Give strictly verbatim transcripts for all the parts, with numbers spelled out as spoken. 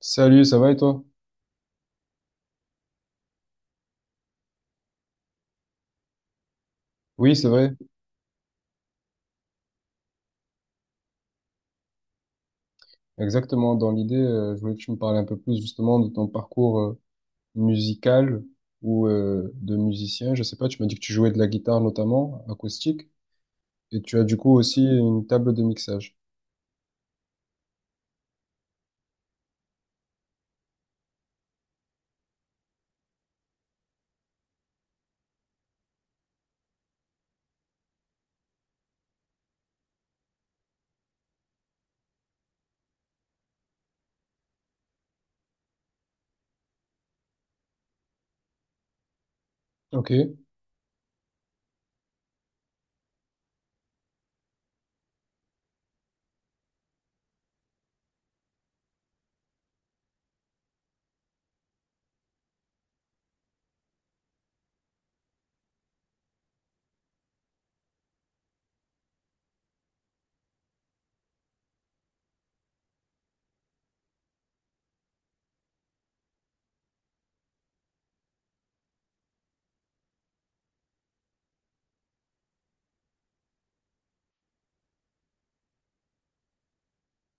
Salut, ça va et toi? Oui, c'est vrai. Exactement. Dans l'idée, euh, je voulais que tu me parles un peu plus justement de ton parcours euh, musical ou euh, de musicien. Je sais pas, tu m'as dit que tu jouais de la guitare notamment, acoustique, et tu as du coup aussi une table de mixage. Ok.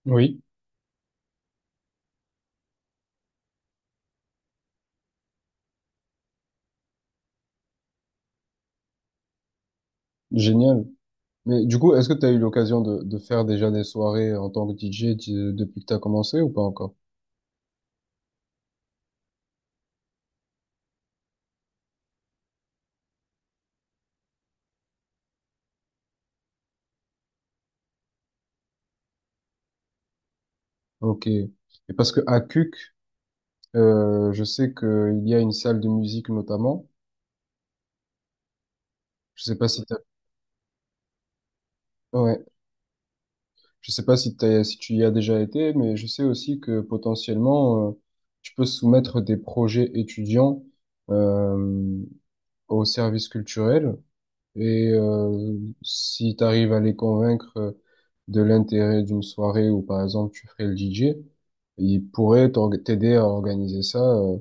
Oui. Génial. Mais du coup, est-ce que tu as eu l'occasion de, de faire déjà des soirées en tant que D J de- depuis que tu as commencé ou pas encore? Ok. Et parce que à C U C, euh, je sais qu'il y a une salle de musique notamment. Je sais pas si tu. Je sais pas si t'as- si tu y as déjà été, mais je sais aussi que potentiellement, euh, tu peux soumettre des projets étudiants euh, au service culturel. Et euh, si tu arrives à les convaincre euh, de l'intérêt d'une soirée où, par exemple, tu ferais le D J, ils pourraient t'org- t'aider à organiser ça euh,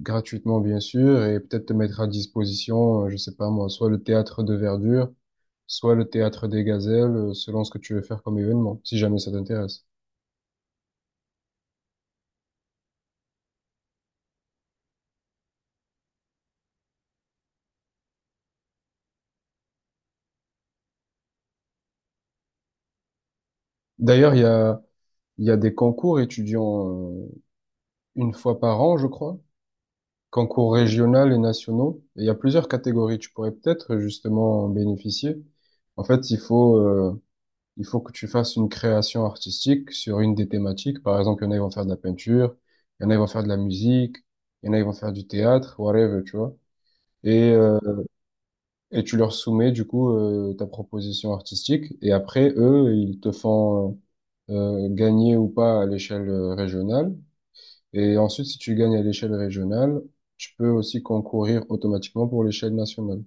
gratuitement bien sûr, et peut-être te mettre à disposition, euh, je sais pas moi, soit le théâtre de Verdure, soit le théâtre des Gazelles, euh, selon ce que tu veux faire comme événement, si jamais ça t'intéresse. D'ailleurs, il y a, il y a des concours étudiants euh, une fois par an, je crois, concours régional et nationaux, et il y a plusieurs catégories, tu pourrais peut-être justement en bénéficier. En fait, il faut... euh, il faut que tu fasses une création artistique sur une des thématiques. Par exemple, il y en a, ils vont faire de la peinture, il y en a, ils vont faire de la musique, il y en a, ils vont faire du théâtre, whatever, tu vois. Et, euh, et tu leur soumets, du coup, euh, ta proposition artistique. Et après, eux, ils te font euh, gagner ou pas à l'échelle euh, régionale. Et ensuite, si tu gagnes à l'échelle régionale, tu peux aussi concourir automatiquement pour l'échelle nationale.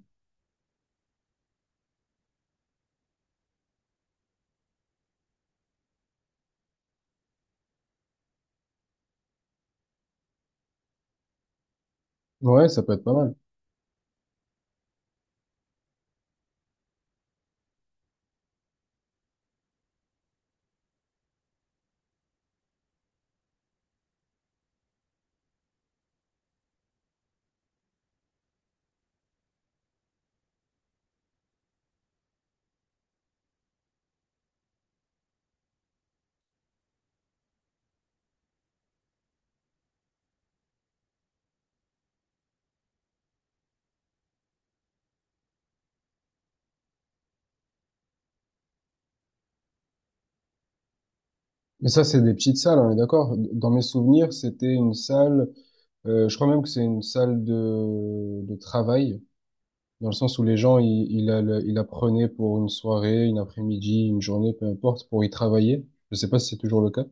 Ouais, ça peut être pas mal. Mais ça, c'est des petites salles, on est d'accord. Dans mes souvenirs, c'était une salle. Euh, je crois même que c'est une salle de, de travail, dans le sens où les gens, ils, ils, la- la- ils la prenaient pour une soirée, une après-midi, une journée, peu importe, pour y travailler. Je sais pas si c'est toujours le cas.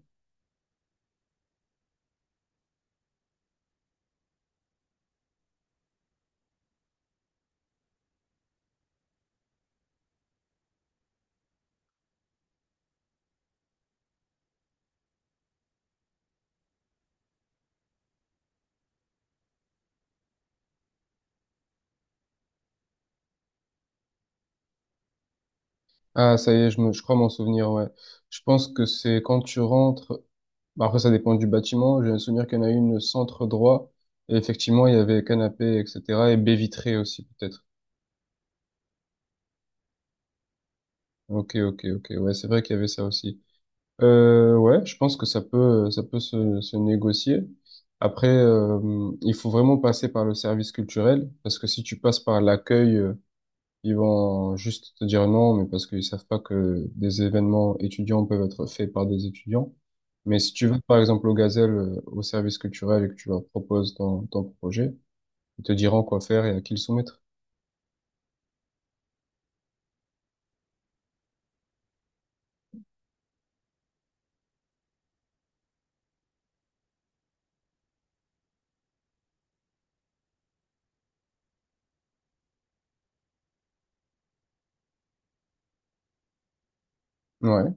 Ah, ça y est, je, me, je crois m'en souvenir, ouais. Je pense que c'est quand tu rentres, bah, après ça dépend du bâtiment, j'ai le souvenir qu'il y en a une centre droit, et effectivement, il y avait canapé, et cetera, et baie vitrée aussi, peut-être. Ok, ok, ok, ouais, c'est vrai qu'il y avait ça aussi. Euh, ouais, je pense que ça peut, ça peut se, se négocier. Après, euh, il faut vraiment passer par le service culturel, parce que si tu passes par l'accueil, euh, ils vont juste te dire non, mais parce qu'ils savent pas que des événements étudiants peuvent être faits par des étudiants. Mais si tu vas, par exemple, au Gazelle, euh, au service culturel et que tu leur proposes ton, ton projet, ils te diront quoi faire et à qui le soumettre. Ouais,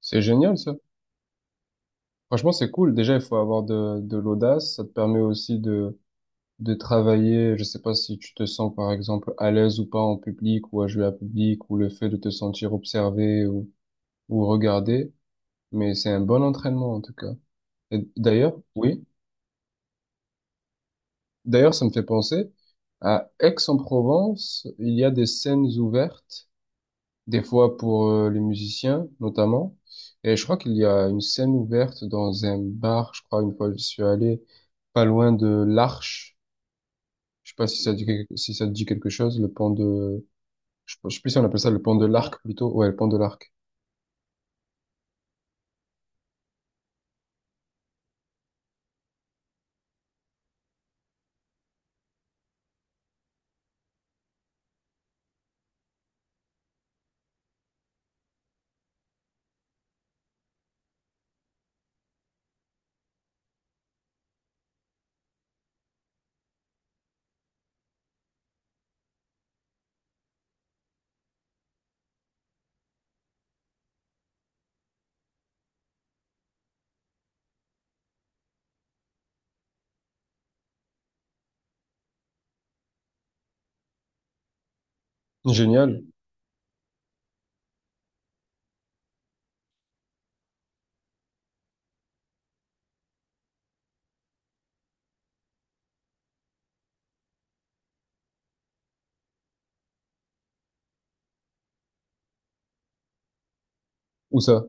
c'est génial ça. Franchement, c'est cool. Déjà, il faut avoir de, de l'audace. Ça te permet aussi de de travailler, je sais pas si tu te sens par exemple à l'aise ou pas en public ou à jouer à public ou le fait de te sentir observé ou, ou regardé, mais c'est un bon entraînement en tout cas. Et d'ailleurs, oui, d'ailleurs ça me fait penser à Aix-en-Provence, il y a des scènes ouvertes, des fois pour euh, les musiciens notamment, et je crois qu'il y a une scène ouverte dans un bar, je crois une fois je suis allé pas loin de l'Arche. Je sais pas si ça dit, quelque- si ça te dit quelque chose, le pont de, Je je sais plus si on appelle ça le pont de l'arc plutôt. Ouais, le pont de l'arc. Génial. Où ça?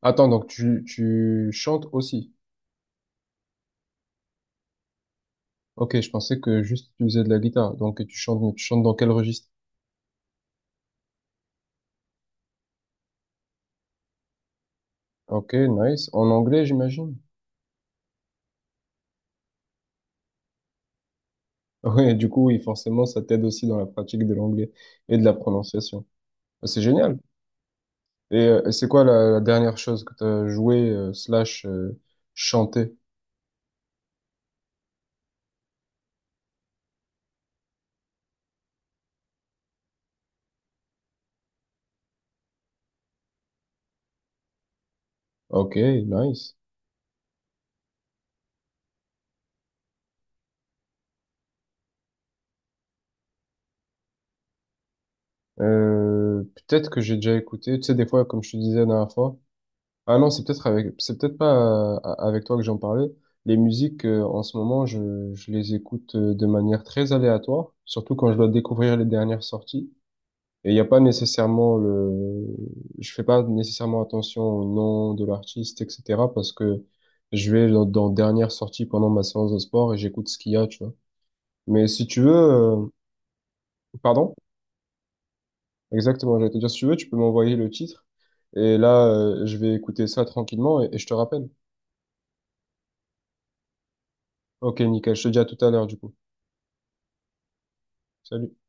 Attends, donc tu, tu chantes aussi. Ok, je pensais que juste tu faisais de la guitare. Donc tu chantes, mais tu chantes dans quel registre? Ok, nice. En anglais, j'imagine. Ouais, du coup, oui, forcément, ça t'aide aussi dans la pratique de l'anglais et de la prononciation. Bah, c'est génial. Et euh, c'est quoi la, la dernière chose que t'as joué euh, slash euh, chanté? Ok, nice. Euh, peut-être que j'ai déjà écouté. Tu sais, des fois, comme je te disais la dernière fois. Ah non, c'est peut-être avec, c'est peut-être pas euh, avec toi que j'en parlais. Les musiques, euh, en ce moment, je, je les écoute euh, de manière très aléatoire, surtout quand je dois découvrir les dernières sorties. Et il n'y a pas nécessairement le, je fais pas nécessairement attention au nom de l'artiste, et cetera parce que je vais dans, dans dernière sortie pendant ma séance de sport et j'écoute ce qu'il y a, tu vois. Mais si tu veux, euh, pardon, exactement, j'allais te dire, si tu veux, tu peux m'envoyer le titre. Et là, euh, je vais écouter ça tranquillement et et je te rappelle. Ok, nickel. Je te dis à tout à l'heure, du coup. Salut.